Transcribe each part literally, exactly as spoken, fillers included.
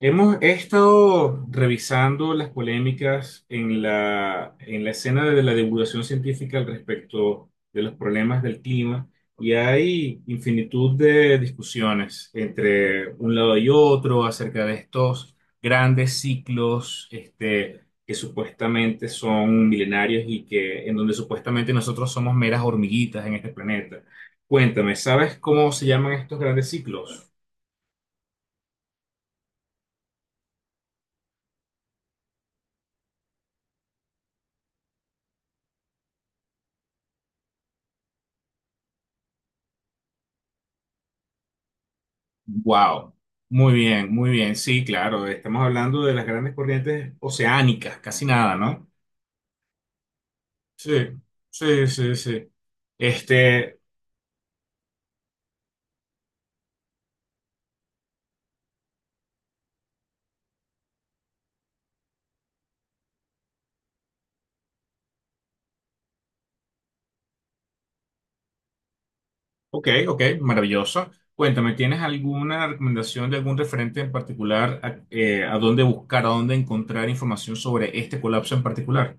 Hemos he estado revisando las polémicas en la, en la escena de la divulgación científica al respecto de los problemas del clima, y hay infinitud de discusiones entre un lado y otro acerca de estos grandes ciclos este, que supuestamente son milenarios y que en donde supuestamente nosotros somos meras hormiguitas en este planeta. Cuéntame, ¿sabes cómo se llaman estos grandes ciclos? Wow, muy bien, muy bien. Sí, claro, estamos hablando de las grandes corrientes oceánicas, casi nada, ¿no? Sí, sí, sí, sí. Este, ok, ok, maravilloso. Cuéntame, ¿tienes alguna recomendación de algún referente en particular a, eh, a dónde buscar, a dónde encontrar información sobre este colapso en particular?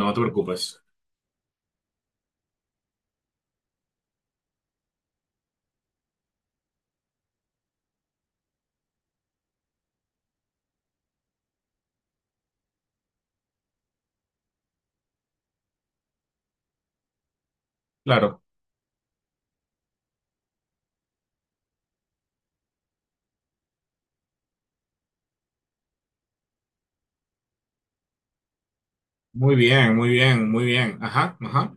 No te preocupes. Claro, muy bien, muy bien, muy bien. Ajá, ajá.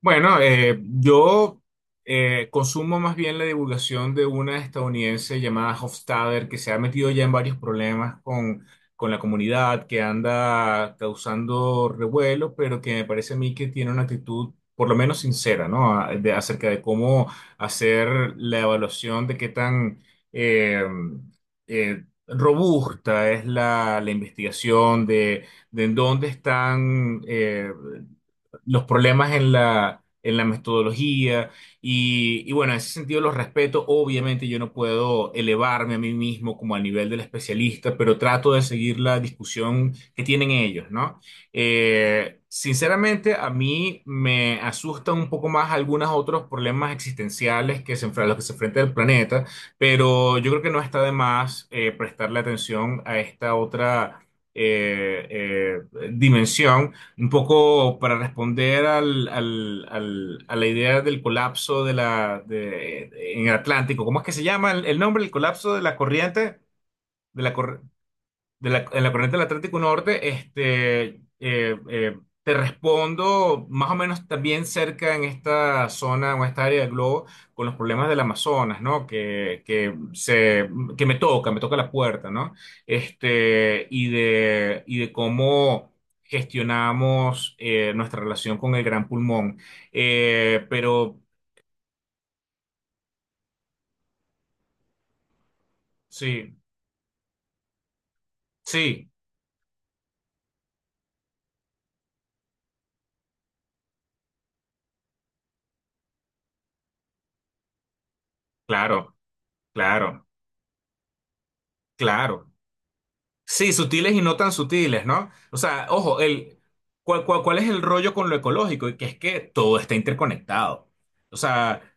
Bueno, eh, yo eh, consumo más bien la divulgación de una estadounidense llamada Hofstadter, que se ha metido ya en varios problemas con, con la comunidad, que anda causando revuelo, pero que me parece a mí que tiene una actitud por lo menos sincera, ¿no? A- de- acerca de cómo hacer la evaluación de qué tan eh, eh, robusta es la, la investigación, de, de en dónde están eh, los problemas en la, en la metodología. Y, y bueno, en ese sentido los respeto. Obviamente yo no puedo elevarme a mí mismo como al nivel del especialista, pero trato de seguir la discusión que tienen ellos, ¿no? Eh, sinceramente, a mí me asustan un poco más algunos otros problemas existenciales que se, enfre- a los que se enfrenta el planeta, pero yo creo que no está de más eh, prestarle atención a esta otra eh, eh, dimensión, un poco para responder al, al- al- a la idea del colapso de la, de- en el Atlántico. ¿Cómo es que se llama el, el nombre? El colapso de la corriente de la, en la corriente del Atlántico Norte. este, eh, eh, Te respondo más o menos también cerca en esta zona o esta área del globo con los problemas del Amazonas, ¿no? Que, que, se, que me toca, me toca la puerta, ¿no? Este, y de, y de cómo gestionamos eh, nuestra relación con el gran pulmón. Eh, pero sí, sí, claro, claro, claro. Sí, sutiles y no tan sutiles, ¿no? O sea, ojo, el, ¿cuál, cuál, cuál es el rollo con lo ecológico? Y que es que todo está interconectado. O sea,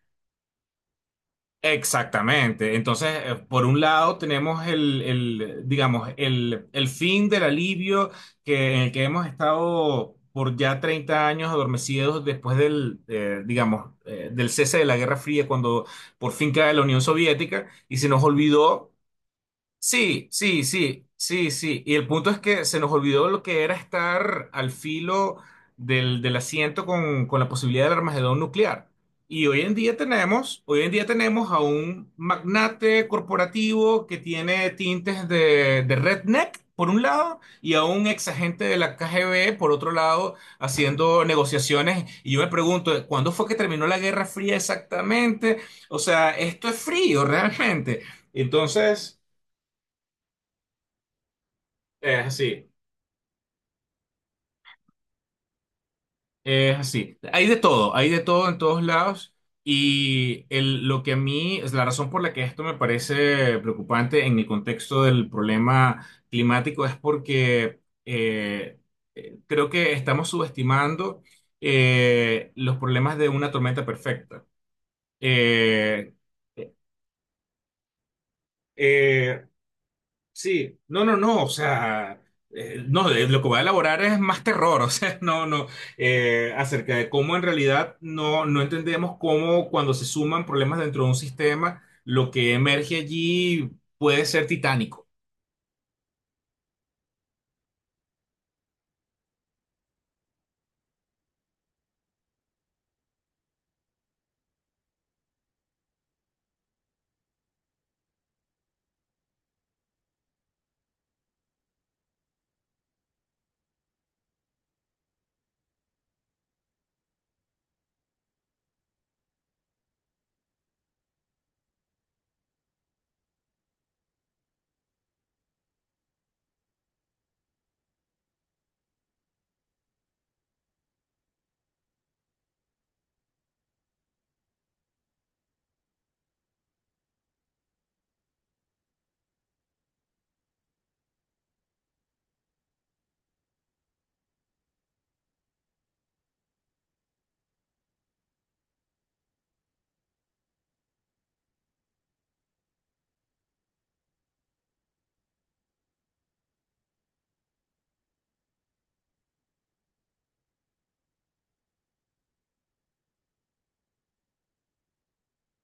exactamente. Entonces, eh, por un lado tenemos el, el, digamos, el, el fin del alivio que, en el que hemos estado por ya treinta años adormecidos después del, eh, digamos, eh, del cese de la Guerra Fría, cuando por fin cae la Unión Soviética y se nos olvidó. Sí, sí, sí, sí, sí. Y el punto es que se nos olvidó lo que era estar al filo del, del asiento con, con la posibilidad del armagedón nuclear. Y hoy en día tenemos, hoy en día tenemos a un magnate corporativo que tiene tintes de, de redneck, por un lado, y a un ex agente de la K G B, por otro lado, haciendo negociaciones. Y yo me pregunto, ¿cuándo fue que terminó la Guerra Fría exactamente? O sea, esto es frío realmente. Entonces... Es así, es así. Hay de todo, hay de todo en todos lados. Y el- lo que a mí es la razón por la que esto me parece preocupante en el contexto del problema climático es porque eh, eh, creo que estamos subestimando eh, los problemas de una tormenta perfecta. Eh, eh, Sí, no, no, no. O sea, eh, no, de- lo que voy a elaborar es más terror, o sea, no, no, eh, acerca de cómo en realidad no, no entendemos cómo, cuando se suman problemas dentro de un sistema, lo que emerge allí puede ser titánico.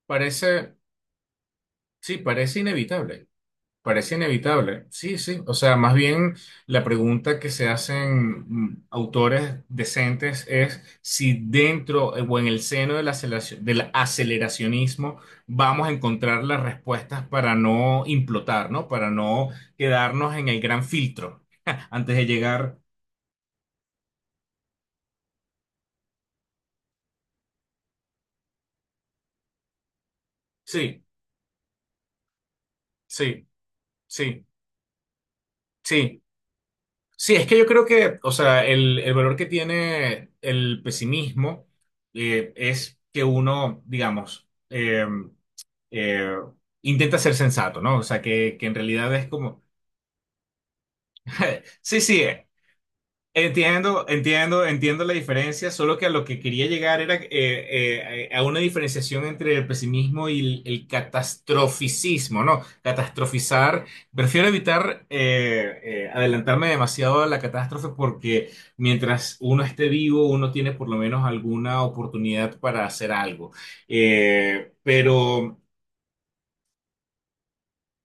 Parece, sí, parece inevitable. Parece inevitable. Sí, sí. O sea, más bien la pregunta que se hacen mm, autores decentes es si dentro, eh, o en el seno del la aceleraci- del aceleracionismo, vamos a encontrar las respuestas para no implotar, ¿no? Para no quedarnos en el gran filtro antes de llegar. Sí, sí, sí, sí. Sí, es que yo creo que, o sea, el, el valor que tiene el pesimismo, eh, es que uno, digamos, em, eh, intenta ser sensato, ¿no? O sea, que, que en realidad es como, sí, sí, eh, entiendo, entiendo, entiendo la diferencia, solo que a lo que quería llegar era eh, eh, a una diferenciación entre el pesimismo y el, el catastroficismo, ¿no? Catastrofizar, prefiero evitar eh, eh, adelantarme demasiado a la catástrofe, porque mientras uno esté vivo, uno tiene por lo menos alguna oportunidad para hacer algo. Eh, pero...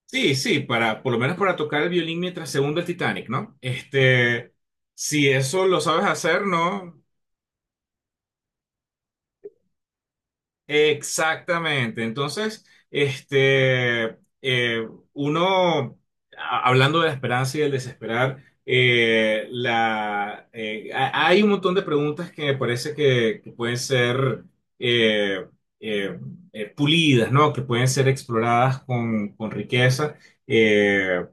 Sí, sí, para, por lo menos para tocar el violín mientras se hunde el Titanic, ¿no? Este, si eso lo sabes hacer, ¿no? Exactamente. Entonces, este, eh, uno, a- hablando de la esperanza y del desesperar, eh, la, eh, ha- hay un montón de preguntas que me parece que, que pueden ser eh, eh, eh, pulidas, ¿no? Que pueden ser exploradas con, con riqueza, eh,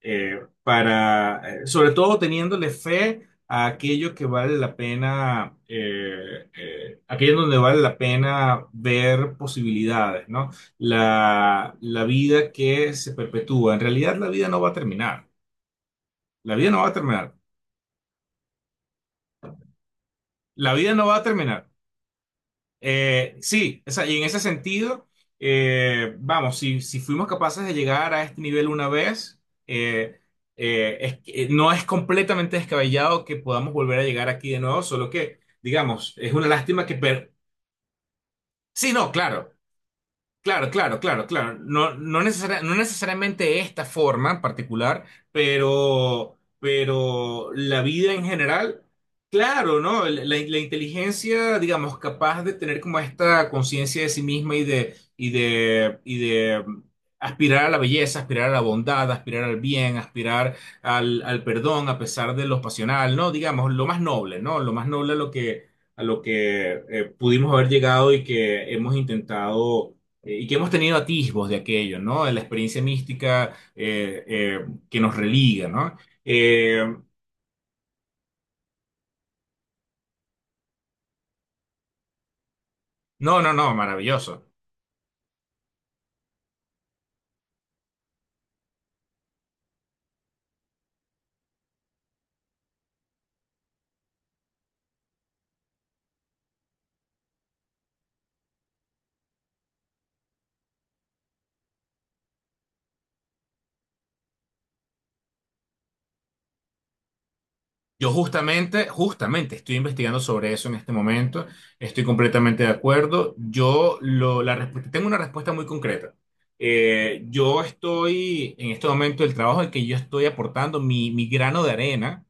eh, para, eh, sobre todo teniéndole fe a aquello que vale la pena, eh, eh, aquello donde vale la pena ver posibilidades, ¿no? La, la vida que se perpetúa. En realidad la vida no va a terminar. La vida no va a terminar. La vida no va a terminar. Eh, sí, o sea, y en ese sentido, eh, vamos, si, si fuimos capaces de llegar a este nivel una vez, eh, eh, es que- eh, no es completamente descabellado que podamos volver a llegar aquí de nuevo, solo que, digamos, es una lástima que per- sí, no, claro. Claro, claro, claro, claro. No, no necesaria- no necesariamente esta forma en particular, pero, pero la vida en general, claro, ¿no? La, la- la inteligencia, digamos, capaz de tener como esta conciencia de sí misma y de, y de, y de aspirar a la belleza, aspirar a la bondad, aspirar al bien, aspirar al, al perdón, a pesar de lo pasional, ¿no? Digamos, lo más noble, ¿no? Lo más noble a lo que, a lo que eh, pudimos haber llegado y que hemos intentado, eh, y que hemos tenido atisbos de aquello, ¿no? De la experiencia mística, eh, eh, que nos religa, ¿no? Eh, no, no, no, maravilloso. Yo justamente, justamente estoy investigando sobre eso en este momento, estoy completamente de acuerdo. Yo lo, la, resp- Tengo una respuesta muy concreta. Eh, yo estoy, en este momento, el trabajo en que yo estoy aportando mi, mi grano de arena,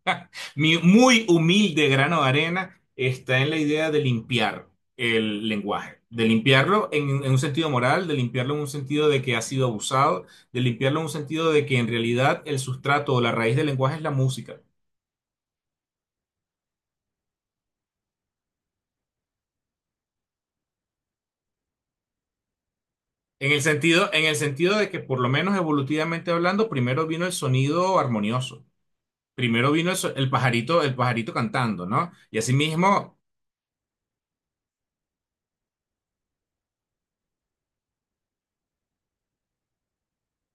mi muy humilde grano de arena, está en la idea de limpiar el lenguaje, de limpiarlo en, en un sentido moral, de limpiarlo en un sentido de que ha sido abusado, de limpiarlo en un sentido de que en realidad el sustrato o la raíz del lenguaje es la música. En el sentido, en el sentido de que por lo menos evolutivamente hablando, primero vino el sonido armonioso, primero vino el, so- el pajarito, el pajarito cantando, ¿no? Y asimismo,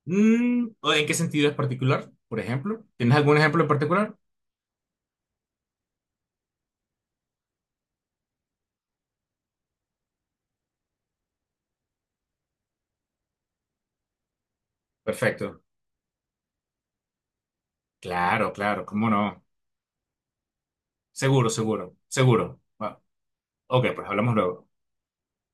mm, ¿en qué sentido es particular? Por ejemplo, ¿tienes algún ejemplo en particular? Perfecto. Claro, claro, cómo no. Seguro, seguro, seguro. Va. Ok, pues hablamos luego.